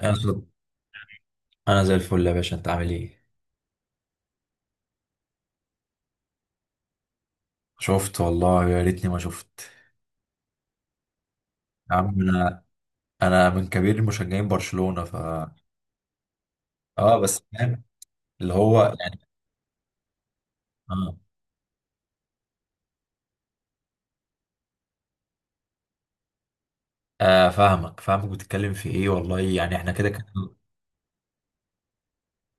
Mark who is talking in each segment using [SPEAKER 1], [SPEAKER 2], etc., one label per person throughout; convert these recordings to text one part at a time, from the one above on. [SPEAKER 1] انا صد- أنا زي الفل يا باشا، انت عامل ايه؟ شفت والله، يا ريتني ما شفت. يا عم انا من كبير مشجعين برشلونة ف اه بس فاهم. اللي هو يعني اه فاهمك، بتتكلم في ايه؟ والله يعني احنا كده كده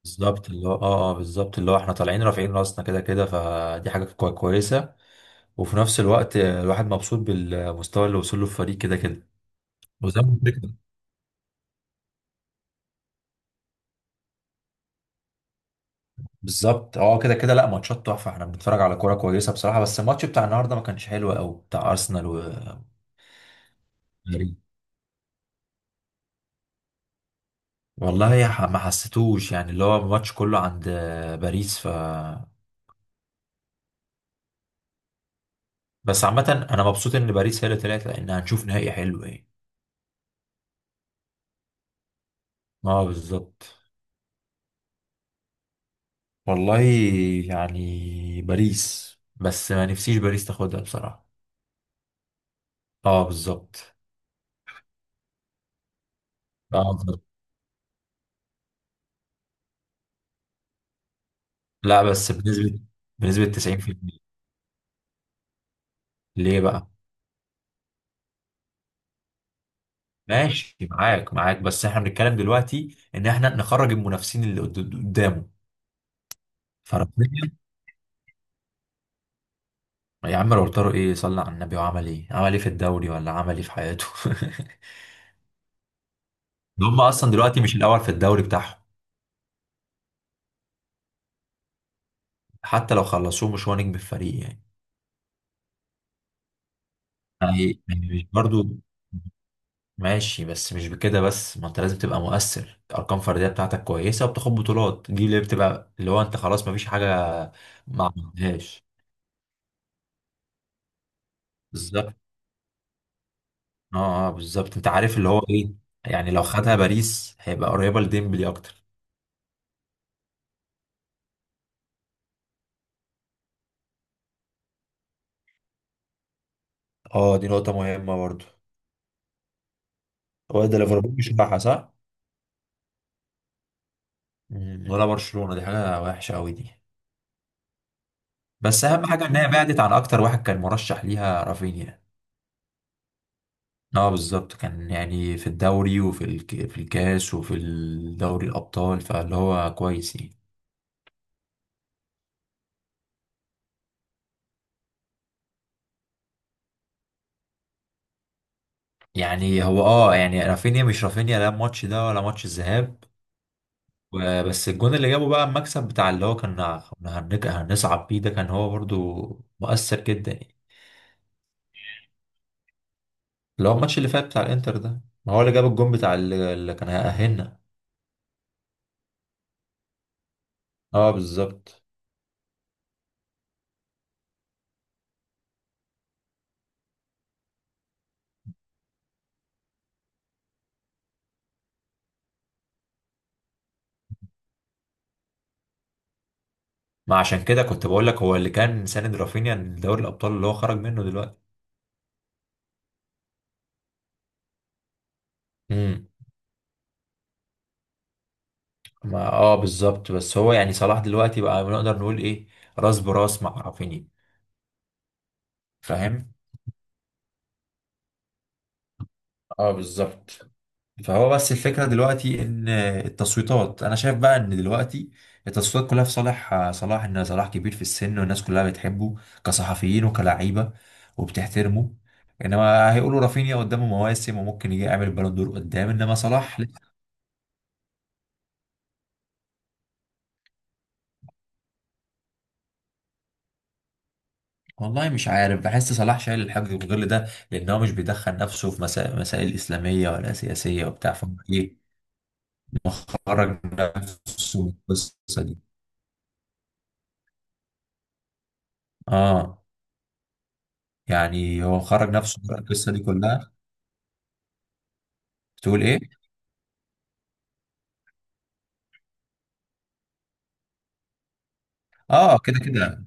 [SPEAKER 1] بالظبط. اللي هو بالظبط، اللي هو احنا طالعين رافعين راسنا كده كده، فدي حاجة كويسة. وفي نفس الوقت الواحد مبسوط بالمستوى اللي وصل له الفريق كده كده. وزي ما قلت لك بالظبط، كده كده. لا، ماتشات تحفه، احنا بنتفرج على كوره كويسه بصراحه، بس الماتش بتاع النهارده ما كانش حلو قوي، بتاع ارسنال و غريب. والله ما حسيتوش، يعني اللي هو الماتش كله عند باريس ف بس عامه انا مبسوط ان باريس هي اللي طلعت، لان هنشوف نهائي حلو. ايه، اه بالظبط. والله يعني باريس، بس ما نفسيش باريس تاخدها بصراحه. اه بالظبط. اه بالظبط. لا بس بنسبه، بنسبه 90%. ليه بقى؟ ماشي، معاك معاك، بس احنا بنتكلم دلوقتي ان احنا نخرج المنافسين اللي قدامه، فربنا. يا عم لو طاروا، ايه صلى على النبي وعمل ايه؟ عمل ايه في الدوري ولا عمل ايه في حياته؟ ده هم اصلا دلوقتي مش الاول في الدوري بتاعهم. حتى لو خلصوه مش هو نجم الفريق يعني. يعني مش برضو، ماشي بس مش بكده. بس ما انت لازم تبقى مؤثر، ارقام فرديه بتاعتك كويسه وبتاخد بطولات، دي اللي بتبقى اللي هو انت خلاص، ما فيش حاجه ما عملتهاش. بالظبط. اه اه، بالظبط، انت عارف اللي هو ايه، يعني لو خدها باريس هيبقى قريبة لديمبلي اكتر. اه، دي نقطة مهمة برضه. هو ده ليفربول مش بتاعها، صح؟ مم، ولا برشلونة، دي حاجة وحشة قوي دي. بس اهم حاجة ان هي بعدت عن اكتر واحد كان مرشح ليها، رافينيا. اه بالظبط، كان يعني في الدوري وفي في الكاس وفي الدوري الابطال، فاللي هو كويس يعني. يعني هو اه، يعني رافينيا مش رافينيا، لا الماتش ده ولا ماتش الذهاب. بس الجون اللي جابه بقى، المكسب بتاع اللي هو كان، كنا هنصعد بيه، ده كان هو برضو مؤثر جدا يعني. اللي هو الماتش اللي فات بتاع الانتر ده، ما هو اللي جاب الجون بتاع اللي كان هيأهلنا. اه بالظبط. ما عشان كده كنت بقول لك، هو اللي كان ساند رافينيا لدوري الابطال اللي هو خرج منه دلوقتي. امم. ما اه بالظبط، بس هو يعني صلاح دلوقتي بقى نقدر نقول ايه، راس براس مع رافينيا، فاهم. اه بالظبط. فهو بس الفكرة دلوقتي ان التصويتات، انا شايف بقى ان دلوقتي التصويتات كلها في صالح صلاح، ان صلاح كبير في السن والناس كلها بتحبه كصحفيين وكلعيبة وبتحترمه، انما هيقولوا رافينيا قدامه مواسم وممكن يجي يعمل بالون دور قدام، انما صلاح لأ. والله مش عارف، بحس صلاح شايل الحاجة غير ده، لان هو مش بيدخل نفسه في مسائل اسلامية ولا سياسية وبتاع، فايه مخرج نفسه من القصة دي. اه، يعني هو خرج نفسه من القصة دي كلها. تقول ايه؟ اه، كده كده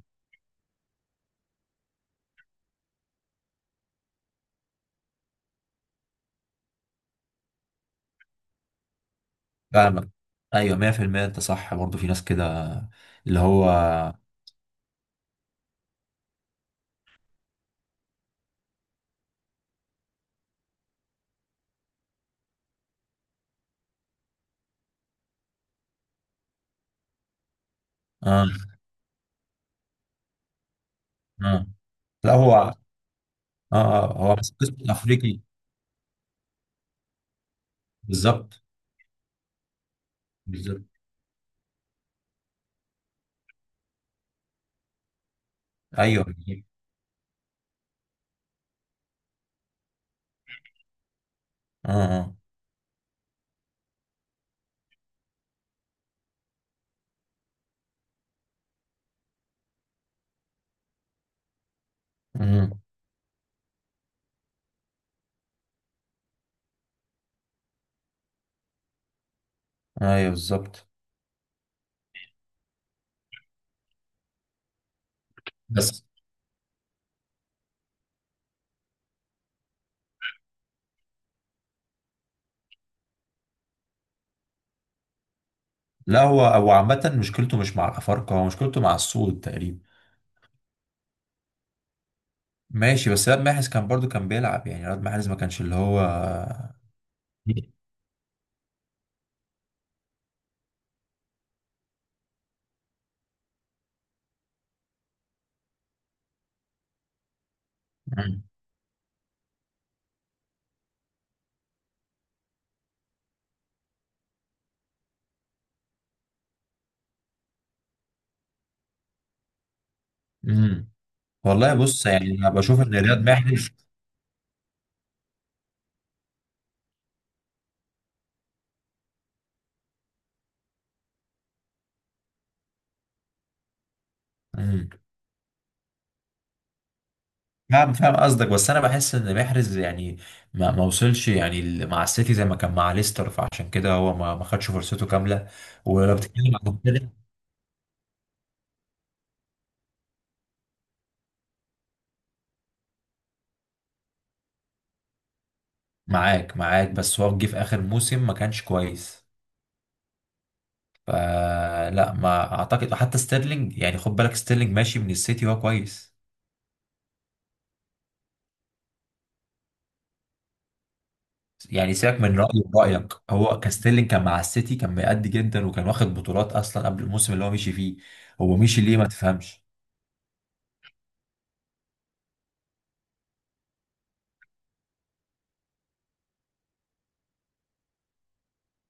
[SPEAKER 1] فاهمك. ايوه 100%، انت صح برضه، في ناس كده اللي هو اه. اه لا هو اه، هو بس قسم افريقي بالظبط. بالظبط. ايوه. اه اه. مم. ايوه بالظبط بس. لا هو، هو عامة مشكلته مش مع الأفارقة، هو مشكلته مع السود تقريبا. ماشي، بس رياض محرز كان برضو كان بيلعب، يعني رياض محرز ما كانش اللي هو. مم. مم. والله بص، يعني أنا بشوف إن رياض محرز. مم. فاهم فاهم قصدك، بس انا بحس ان محرز يعني ما وصلش، يعني مع السيتي زي ما كان مع ليستر، فعشان كده هو ما خدش فرصته كامله، ولو بتتكلم عن المبتدئ. معاك معاك، بس هو جه في اخر موسم ما كانش كويس، فلا ما اعتقد حتى ستيرلينج، يعني خد بالك ستيرلينج ماشي من السيتي وهو كويس. يعني سيبك من رأيي، رأيك هو كان ستيرلينج كان مع السيتي كان مأدي جدا وكان واخد بطولات اصلا قبل الموسم اللي هو مشي فيه. هو مشي ليه، ما تفهمش.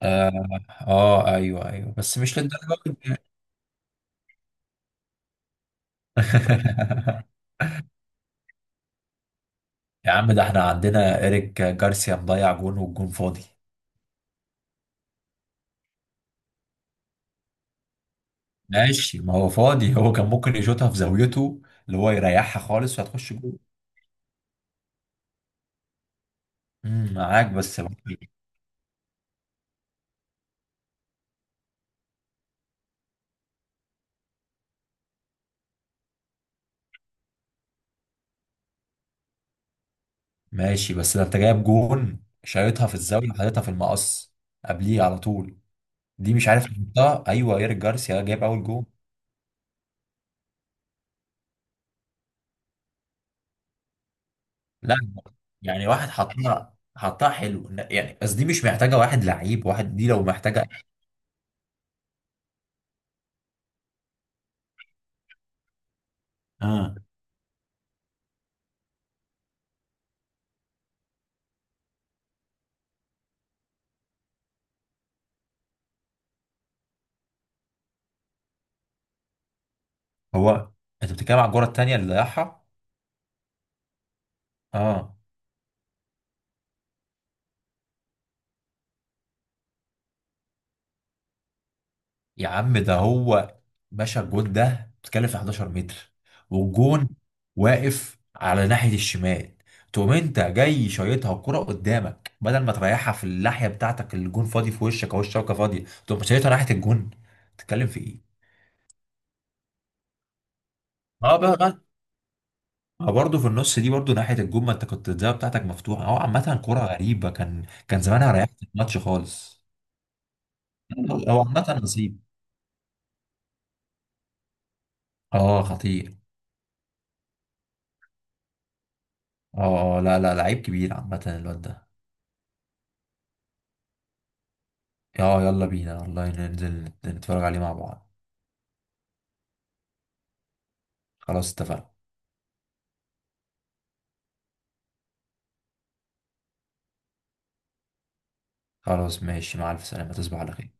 [SPEAKER 1] آه، اه ايوه ايوه، بس مش للدرجه. يا عم ده احنا عندنا إيريك جارسيا مضيع جون والجون فاضي. ماشي، ما هو فاضي، هو كان ممكن يشوطها في زاويته اللي هو يريحها خالص وهتخش جون. امم، معاك بس. ماشي بس ده انت جايب جون، شايطها في الزاوية وحاططها في المقص، قبليه على طول. دي مش عارف يحطها، ايوه، إيريك جارسيا جايب اول جون. لا، يعني واحد حطها، حطها حلو يعني، بس دي مش محتاجة واحد لعيب واحد، دي لو محتاجة اه. هو انت بتتكلم على الجرة التانية اللي ضيعها. اه، يا عم ده هو، باشا الجون ده بتتكلم في 11 متر، والجون واقف على ناحية الشمال، تقوم انت جاي شايطها الكرة قدامك بدل ما تريحها في الناحية بتاعتك الجون فاضي في وشك او الشبكة فاضية، تقوم شايطها ناحية الجون. بتتكلم في ايه؟ اه، بقى، ما برضه في النص دي برضه ناحية الجون، ما انت كنت الزاوية بتاعتك مفتوحة، هو عامة كرة غريبة، كان زمانها ريحت الماتش خالص. هو عامة نصيب. اه خطير. اه اه، لا لا، لعيب كبير عامة الواد ده. اه يلا بينا والله، ننزل نتفرج عليه مع بعض. خلاص اتفقنا. خلاص، ماشي، مع الف سلامة، تصبح على خير.